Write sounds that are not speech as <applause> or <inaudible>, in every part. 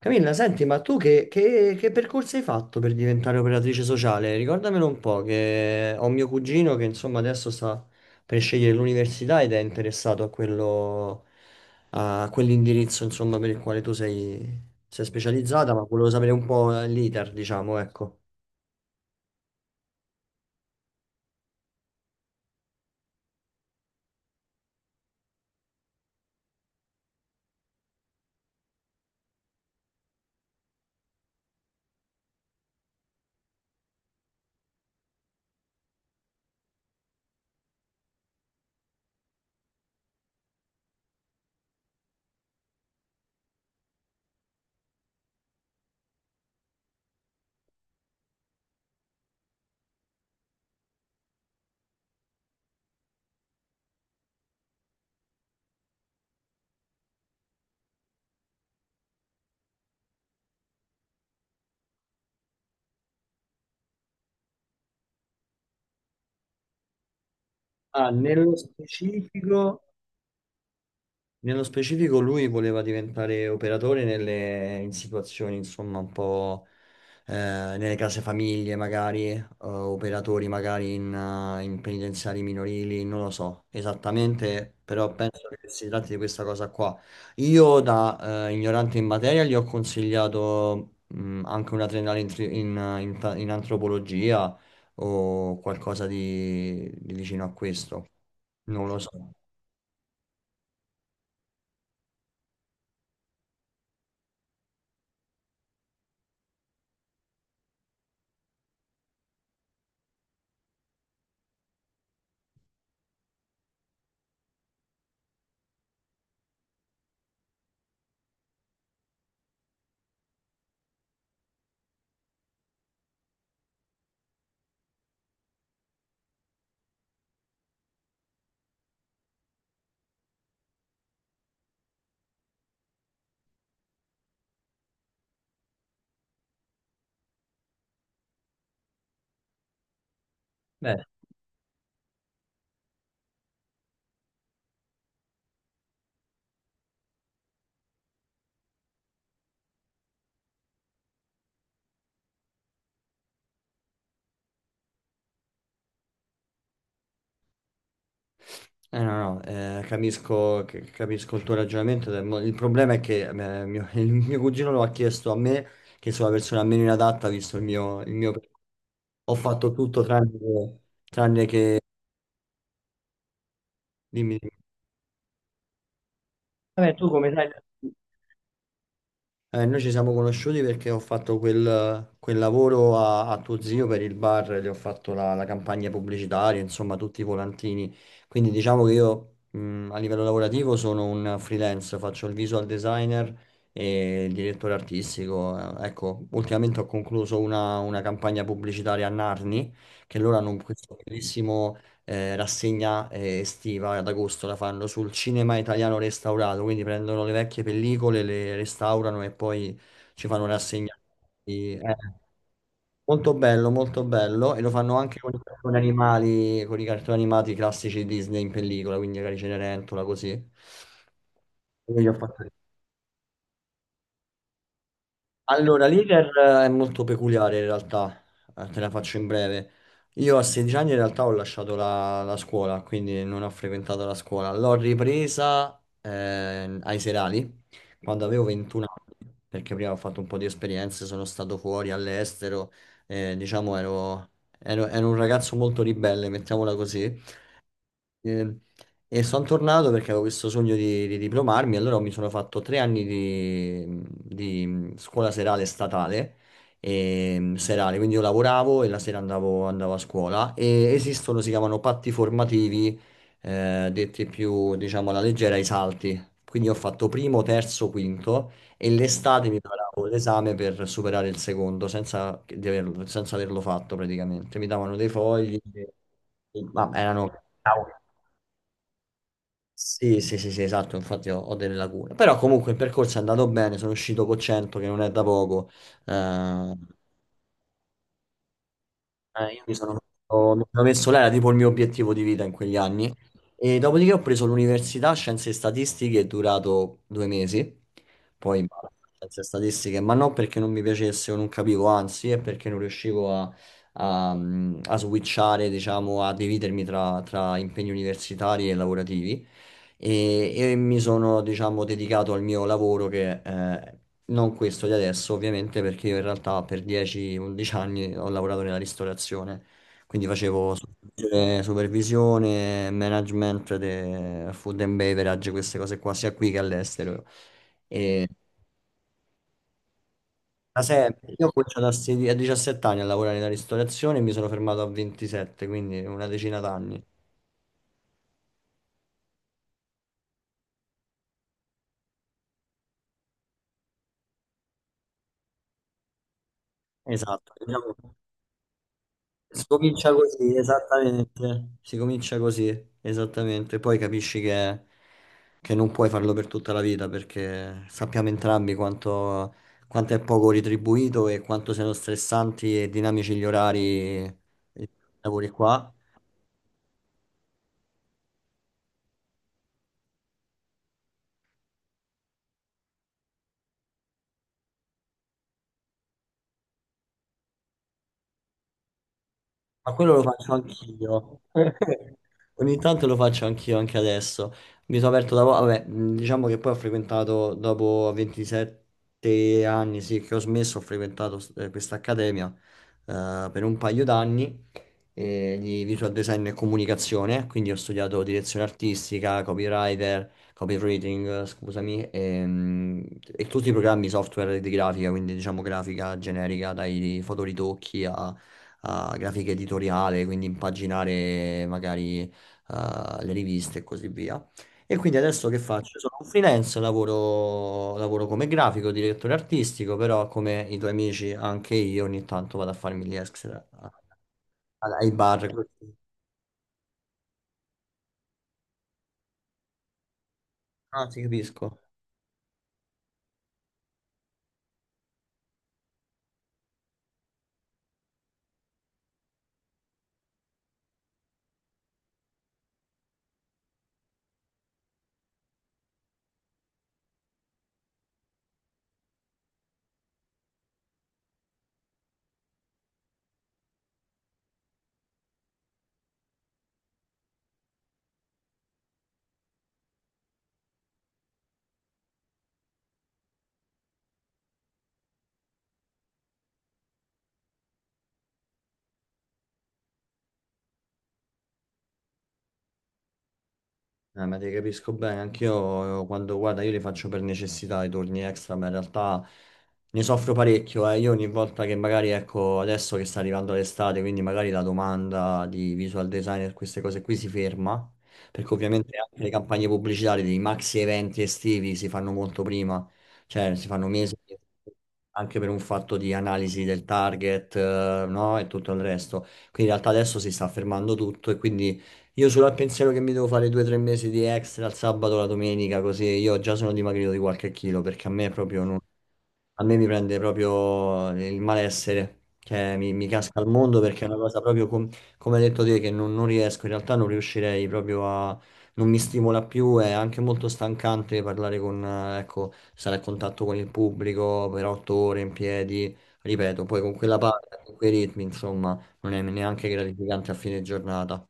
Camilla, senti, ma tu che percorso hai fatto per diventare operatrice sociale? Ricordamelo un po', che ho mio cugino che insomma adesso sta per scegliere l'università ed è interessato a quello, a quell'indirizzo insomma per il quale tu sei specializzata, ma volevo sapere un po' l'iter, diciamo, ecco. Ah, nello specifico... Nello specifico lui voleva diventare operatore nelle, in situazioni, insomma, un po' nelle case famiglie, magari, operatori magari in, in penitenziari minorili, non lo so esattamente, però penso che si tratti di questa cosa qua. Io da ignorante in materia gli ho consigliato anche una triennale in, tri- in, in ta- in antropologia o qualcosa di vicino a questo, non lo so. Beh, no, no, capisco, capisco il tuo ragionamento. Il problema è che <laughs> il mio cugino lo ha chiesto a me, che sono la persona meno inadatta, visto il mio... Ho fatto tutto tranne che... Tranne che... Dimmi, dimmi. Vabbè, tu come sai. Noi ci siamo conosciuti perché ho fatto quel lavoro a tuo zio per il bar, gli ho fatto la campagna pubblicitaria, insomma, tutti i volantini. Quindi diciamo che io a livello lavorativo sono un freelance, faccio il visual designer e il direttore artistico. Ecco, ultimamente ho concluso una campagna pubblicitaria a Narni, che loro hanno questo bellissimo rassegna estiva ad agosto la fanno sul cinema italiano restaurato, quindi prendono le vecchie pellicole, le restaurano e poi ci fanno rassegna. Eh, molto bello e lo fanno anche con i cartoni animali, con i cartoni animati classici Disney in pellicola, quindi magari Cenerentola così. Io gli ho fatto. Allora, l'iter è molto peculiare in realtà, te la faccio in breve. Io a 16 anni in realtà ho lasciato la scuola, quindi non ho frequentato la scuola. L'ho ripresa ai serali quando avevo 21 anni, perché prima ho fatto un po' di esperienze, sono stato fuori all'estero, diciamo ero, ero un ragazzo molto ribelle, mettiamola così. E, e sono tornato perché avevo questo sogno di diplomarmi, allora mi sono fatto tre anni di scuola serale statale, e, serale, quindi io lavoravo e la sera andavo a scuola e esistono, si chiamano patti formativi, detti più, diciamo, alla leggera, i salti. Quindi ho fatto primo, terzo, quinto e l'estate mi preparavo l'esame per superare il secondo senza averlo fatto praticamente. Mi davano dei fogli, ma erano... Sì, sì, sì, sì, esatto, infatti ho delle lacune. Però comunque il percorso è andato bene, sono uscito con 100, che non è da poco. Eh, eh, io mi sono messo, là, era tipo il mio obiettivo di vita in quegli anni. E dopodiché ho preso l'università, scienze e statistiche, è durato due mesi. Poi bah, scienze e statistiche, ma non perché non mi piacesse o non capivo, anzi, è perché non riuscivo a switchare, diciamo, a dividermi tra impegni universitari e lavorativi e mi sono, diciamo, dedicato al mio lavoro che non questo di adesso, ovviamente, perché io in realtà per 10-11 anni ho lavorato nella ristorazione, quindi facevo supervisione, management, food and beverage, queste cose qua, sia qui che all'estero. E da sempre, io ho cominciato a 17 anni a lavorare nella ristorazione e mi sono fermato a 27, quindi una decina d'anni. Esatto, diciamo. Si comincia così, esattamente. Si comincia così, esattamente. Poi capisci che non puoi farlo per tutta la vita perché sappiamo entrambi quanto è poco ritribuito e quanto siano stressanti e dinamici gli orari, i lavori qua. Ma quello lo faccio anch'io. <laughs> Ogni tanto lo faccio anch'io, anche adesso. Mi sono aperto da poco, vabbè, diciamo che poi ho frequentato dopo 27 anni, sì, che ho smesso, ho frequentato questa accademia per un paio d'anni di visual design e comunicazione, quindi ho studiato direzione artistica, copywriter, copywriting, scusami, e tutti i programmi software di grafica, quindi diciamo grafica generica, dai fotoritocchi a grafica editoriale, quindi impaginare magari le riviste e così via. E quindi adesso che faccio? Sono un freelance, lavoro come grafico, direttore artistico, però come i tuoi amici anche io ogni tanto vado a farmi gli extra ai bar. Così. Ah, ti capisco. Ma ti capisco bene, anch'io quando guarda, io li faccio per necessità i turni extra, ma in realtà ne soffro parecchio. Eh. Io ogni volta che magari, ecco, adesso che sta arrivando l'estate, quindi magari la domanda di visual designer, queste cose qui si ferma, perché ovviamente anche le campagne pubblicitarie dei maxi eventi estivi si fanno molto prima, cioè si fanno mesi, anche per un fatto di analisi del target, no? E tutto il resto. Quindi in realtà adesso si sta fermando tutto e quindi io solo al pensiero che mi devo fare due o tre mesi di extra il sabato, la domenica, così io già sono dimagrito di qualche chilo perché a me proprio non... a me mi prende proprio il malessere, cioè mi casca al mondo perché è una cosa proprio come hai detto te che non, non riesco, in realtà non riuscirei proprio a... non mi stimola più, è anche molto stancante parlare con, ecco, stare a contatto con il pubblico per otto ore in piedi, ripeto, poi con quella parte, con quei ritmi, insomma, non è neanche gratificante a fine giornata.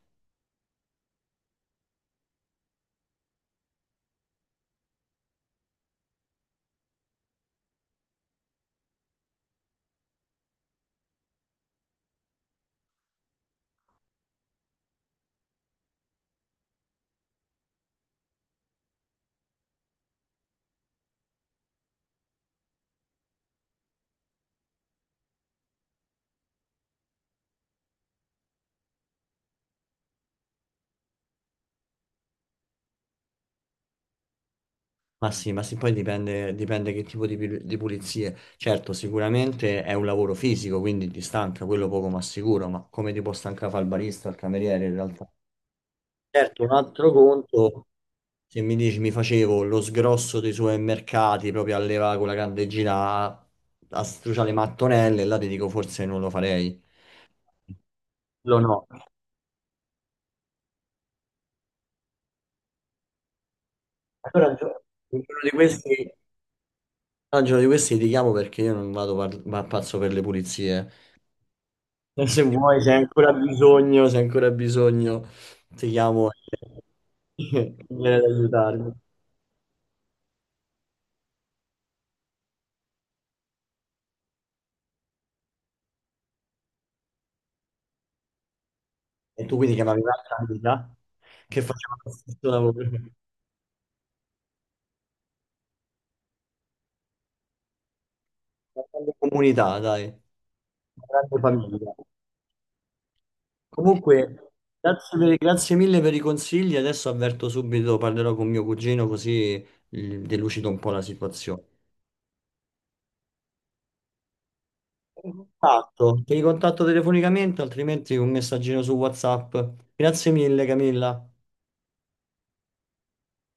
Ma sì, poi dipende, dipende che tipo di pulizie. Certo, sicuramente è un lavoro fisico, quindi ti stanca, quello poco ma sicuro, ma come ti può stancare fare il barista, il cameriere in realtà? Certo, un altro conto, se mi dici mi facevo lo sgrosso dei supermercati proprio a levare con la candeggina a, a struciare le mattonelle, là ti dico forse non lo farei. Lo no. Allora, gio- il giorno di questi, no, il giorno di questi ti chiamo perché io non ma pazzo per le pulizie. E se vuoi, se hai ancora bisogno, ti chiamo e <laughs> vieni ad aiutarmi. E tu quindi chiamavi un'altra amica che faceva lo stesso lavoro. Una grande comunità, dai, una grande famiglia. Comunque, grazie mille per i consigli. Adesso avverto subito, parlerò con mio cugino così delucido un po' la situazione. Ti ricontatto telefonicamente, altrimenti un messaggino su WhatsApp. Grazie mille, Camilla.